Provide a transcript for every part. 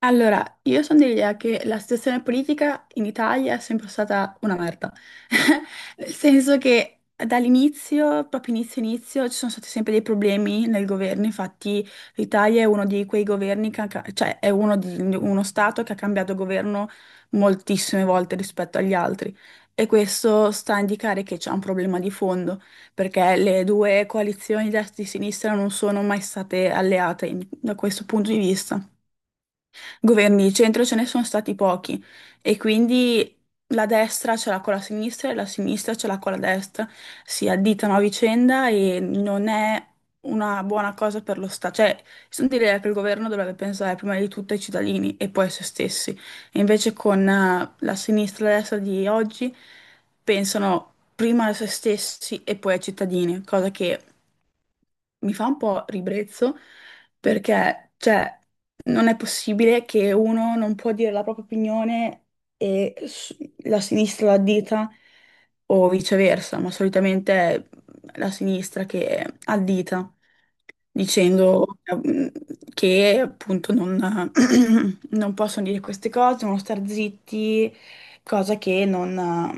Allora, io sono dell'idea che la situazione politica in Italia è sempre stata una merda. Nel senso che dall'inizio, proprio inizio inizio, ci sono stati sempre dei problemi nel governo. Infatti, l'Italia è uno di quei governi che ha cioè è uno, uno stato che ha cambiato governo moltissime volte rispetto agli altri. E questo sta a indicare che c'è un problema di fondo, perché le due coalizioni destra e sinistra non sono mai state da questo punto di vista governi di centro ce ne sono stati pochi e quindi la destra ce l'ha con la sinistra e la sinistra ce l'ha con la destra. Si additano a vicenda e non è una buona cosa per lo Stato. Cioè, sono direi che il governo dovrebbe pensare prima di tutto ai cittadini e poi a se stessi. E invece con la sinistra e la destra di oggi pensano prima a se stessi e poi ai cittadini, cosa che mi fa un po' ribrezzo perché, cioè, non è possibile che uno non può dire la propria opinione e s- la sinistra la dita o viceversa, ma solitamente è la sinistra che addita dicendo che appunto non, non possono dire queste cose, devono star zitti, cosa che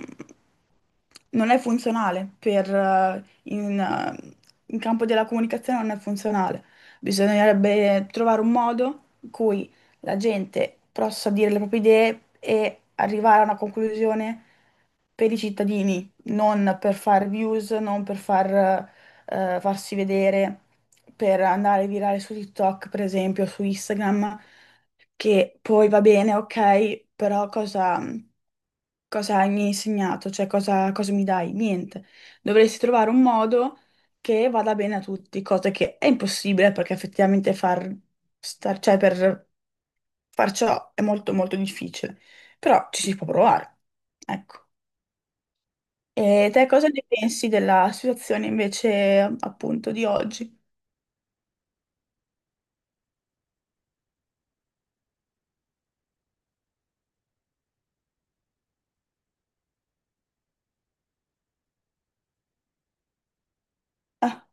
non è funzionale per in campo della comunicazione non è funzionale. Bisognerebbe trovare un modo in cui la gente possa dire le proprie idee e arrivare a una conclusione per i cittadini, non per fare views, non per far, farsi vedere, per andare virale su TikTok, per esempio, su Instagram che poi va bene, ok, però cosa mi hai insegnato? Cioè, cosa mi dai? Niente. Dovresti trovare un modo che vada bene a tutti, cosa che è impossibile perché effettivamente cioè per far ciò è molto molto difficile, però ci si può provare. Ecco. E te cosa ne pensi della situazione invece appunto di oggi? Ah,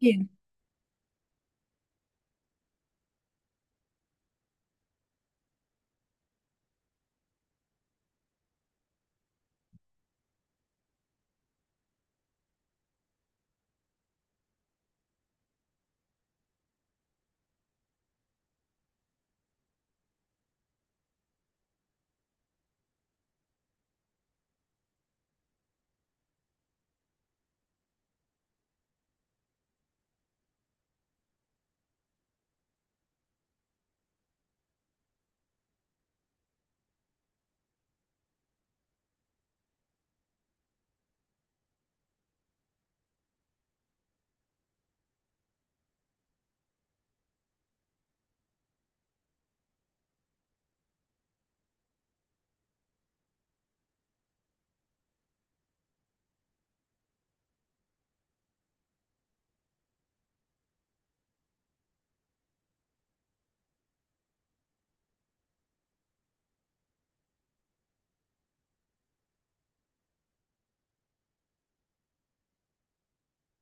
sì.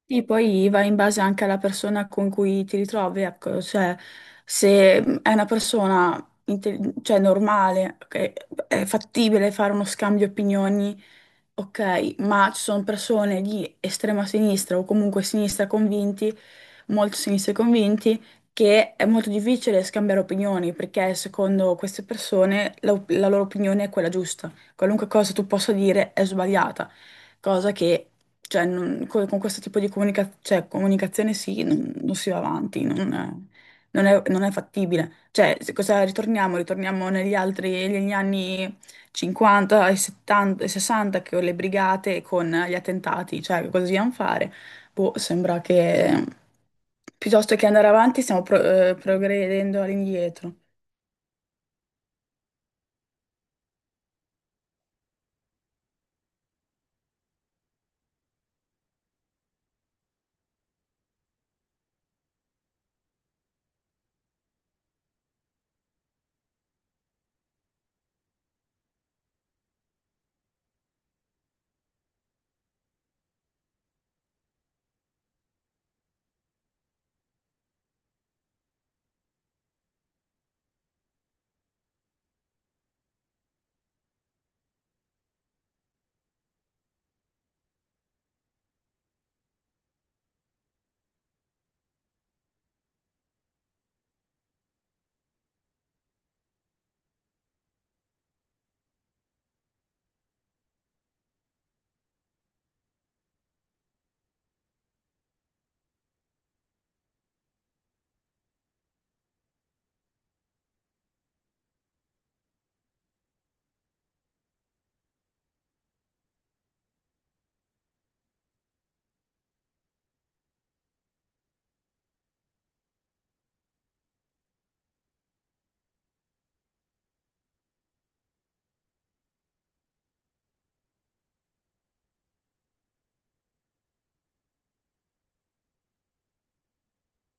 Sì, poi va in base anche alla persona con cui ti ritrovi, ecco, cioè se è una persona cioè, normale, che è fattibile fare uno scambio di opinioni, ok, ma ci sono persone di estrema sinistra o comunque sinistra convinti, molto sinistra convinti, che è molto difficile scambiare opinioni perché secondo queste persone la loro opinione è quella giusta, qualunque cosa tu possa dire è sbagliata cosa che cioè, con, questo tipo di cioè, comunicazione sì, non si va avanti, non è, non è fattibile. Cioè, cosa ritorniamo? Ritorniamo negli altri, negli anni 50 e 70 e 60 che con le brigate, con gli attentati, cioè cosa dobbiamo fare? Boh, sembra che piuttosto che andare avanti stiamo progredendo all'indietro.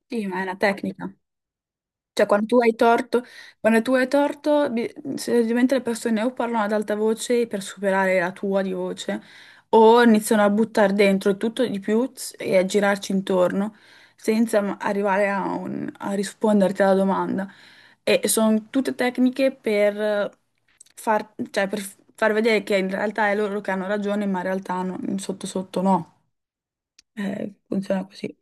Sì, ma è una tecnica. Cioè, quando tu hai torto, Quando tu hai torto, semplicemente le persone o parlano ad alta voce per superare la tua di voce, o iniziano a buttare dentro tutto di più e a girarci intorno, senza arrivare a, a risponderti alla domanda. E sono tutte tecniche per far, cioè, per far vedere che in realtà è loro che hanno ragione, ma in realtà sotto sotto no. Funziona così.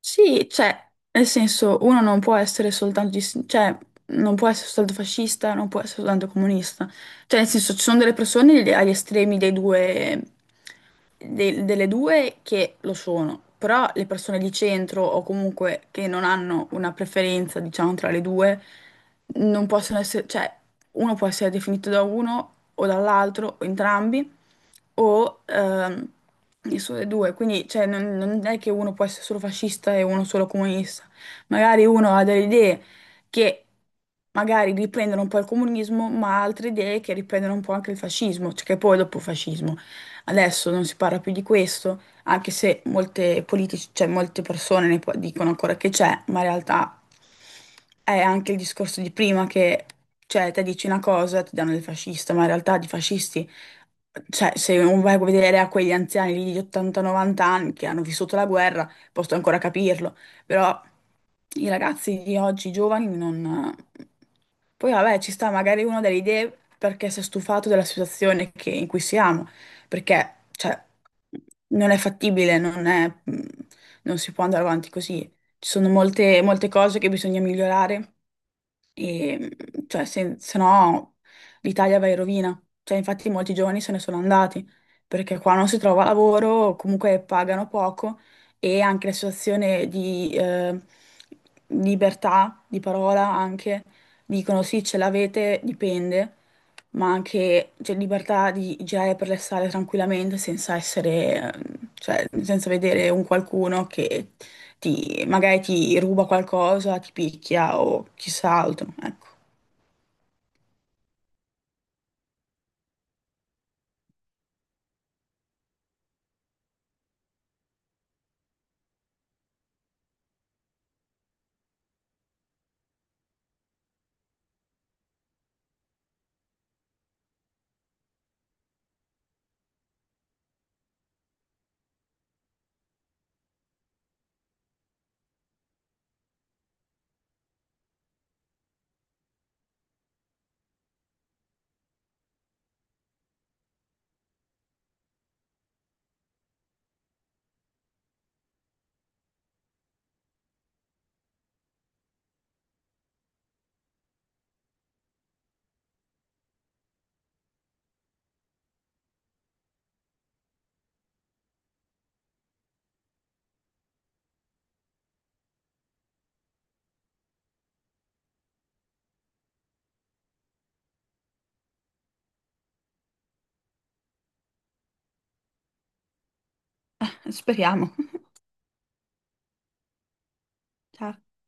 Sì, cioè, nel senso, uno non può essere cioè, non può essere soltanto fascista, non può essere soltanto comunista. Cioè, nel senso, ci sono delle persone agli estremi dei due, delle due che lo sono, però le persone di centro o comunque che non hanno una preferenza, diciamo, tra le due, non possono essere, cioè, uno può essere definito da uno o dall'altro o entrambi o nessuno dei due, quindi cioè, non è che uno può essere solo fascista e uno solo comunista, magari uno ha delle idee che magari riprendono un po' il comunismo, ma altre idee che riprendono un po' anche il fascismo, cioè che poi dopo fascismo. Adesso non si parla più di questo, anche se molte politici, cioè molte persone ne dicono ancora che c'è, ma in realtà è anche il discorso di prima che, cioè, te dici una cosa, ti danno del fascista, ma in realtà di fascisti, cioè, se non vai a vedere a quegli anziani lì di 80-90 anni che hanno vissuto la guerra, posso ancora capirlo, però i ragazzi di oggi, i giovani, non... Poi vabbè, ci sta magari uno delle idee perché si è stufato della situazione in cui siamo, perché cioè, non è fattibile, non si può andare avanti così. Ci sono molte, molte cose che bisogna migliorare e, mhmm, cioè, se no l'Italia va in rovina. Cioè, infatti molti giovani se ne sono andati, perché qua non si trova lavoro, comunque pagano poco e anche la situazione di libertà di parola anche dicono sì, ce l'avete, dipende, ma anche c'è libertà di girare per le strade tranquillamente senza essere, cioè, senza vedere un qualcuno che magari ti ruba qualcosa, ti picchia o chissà altro, ecco. Speriamo. Ciao.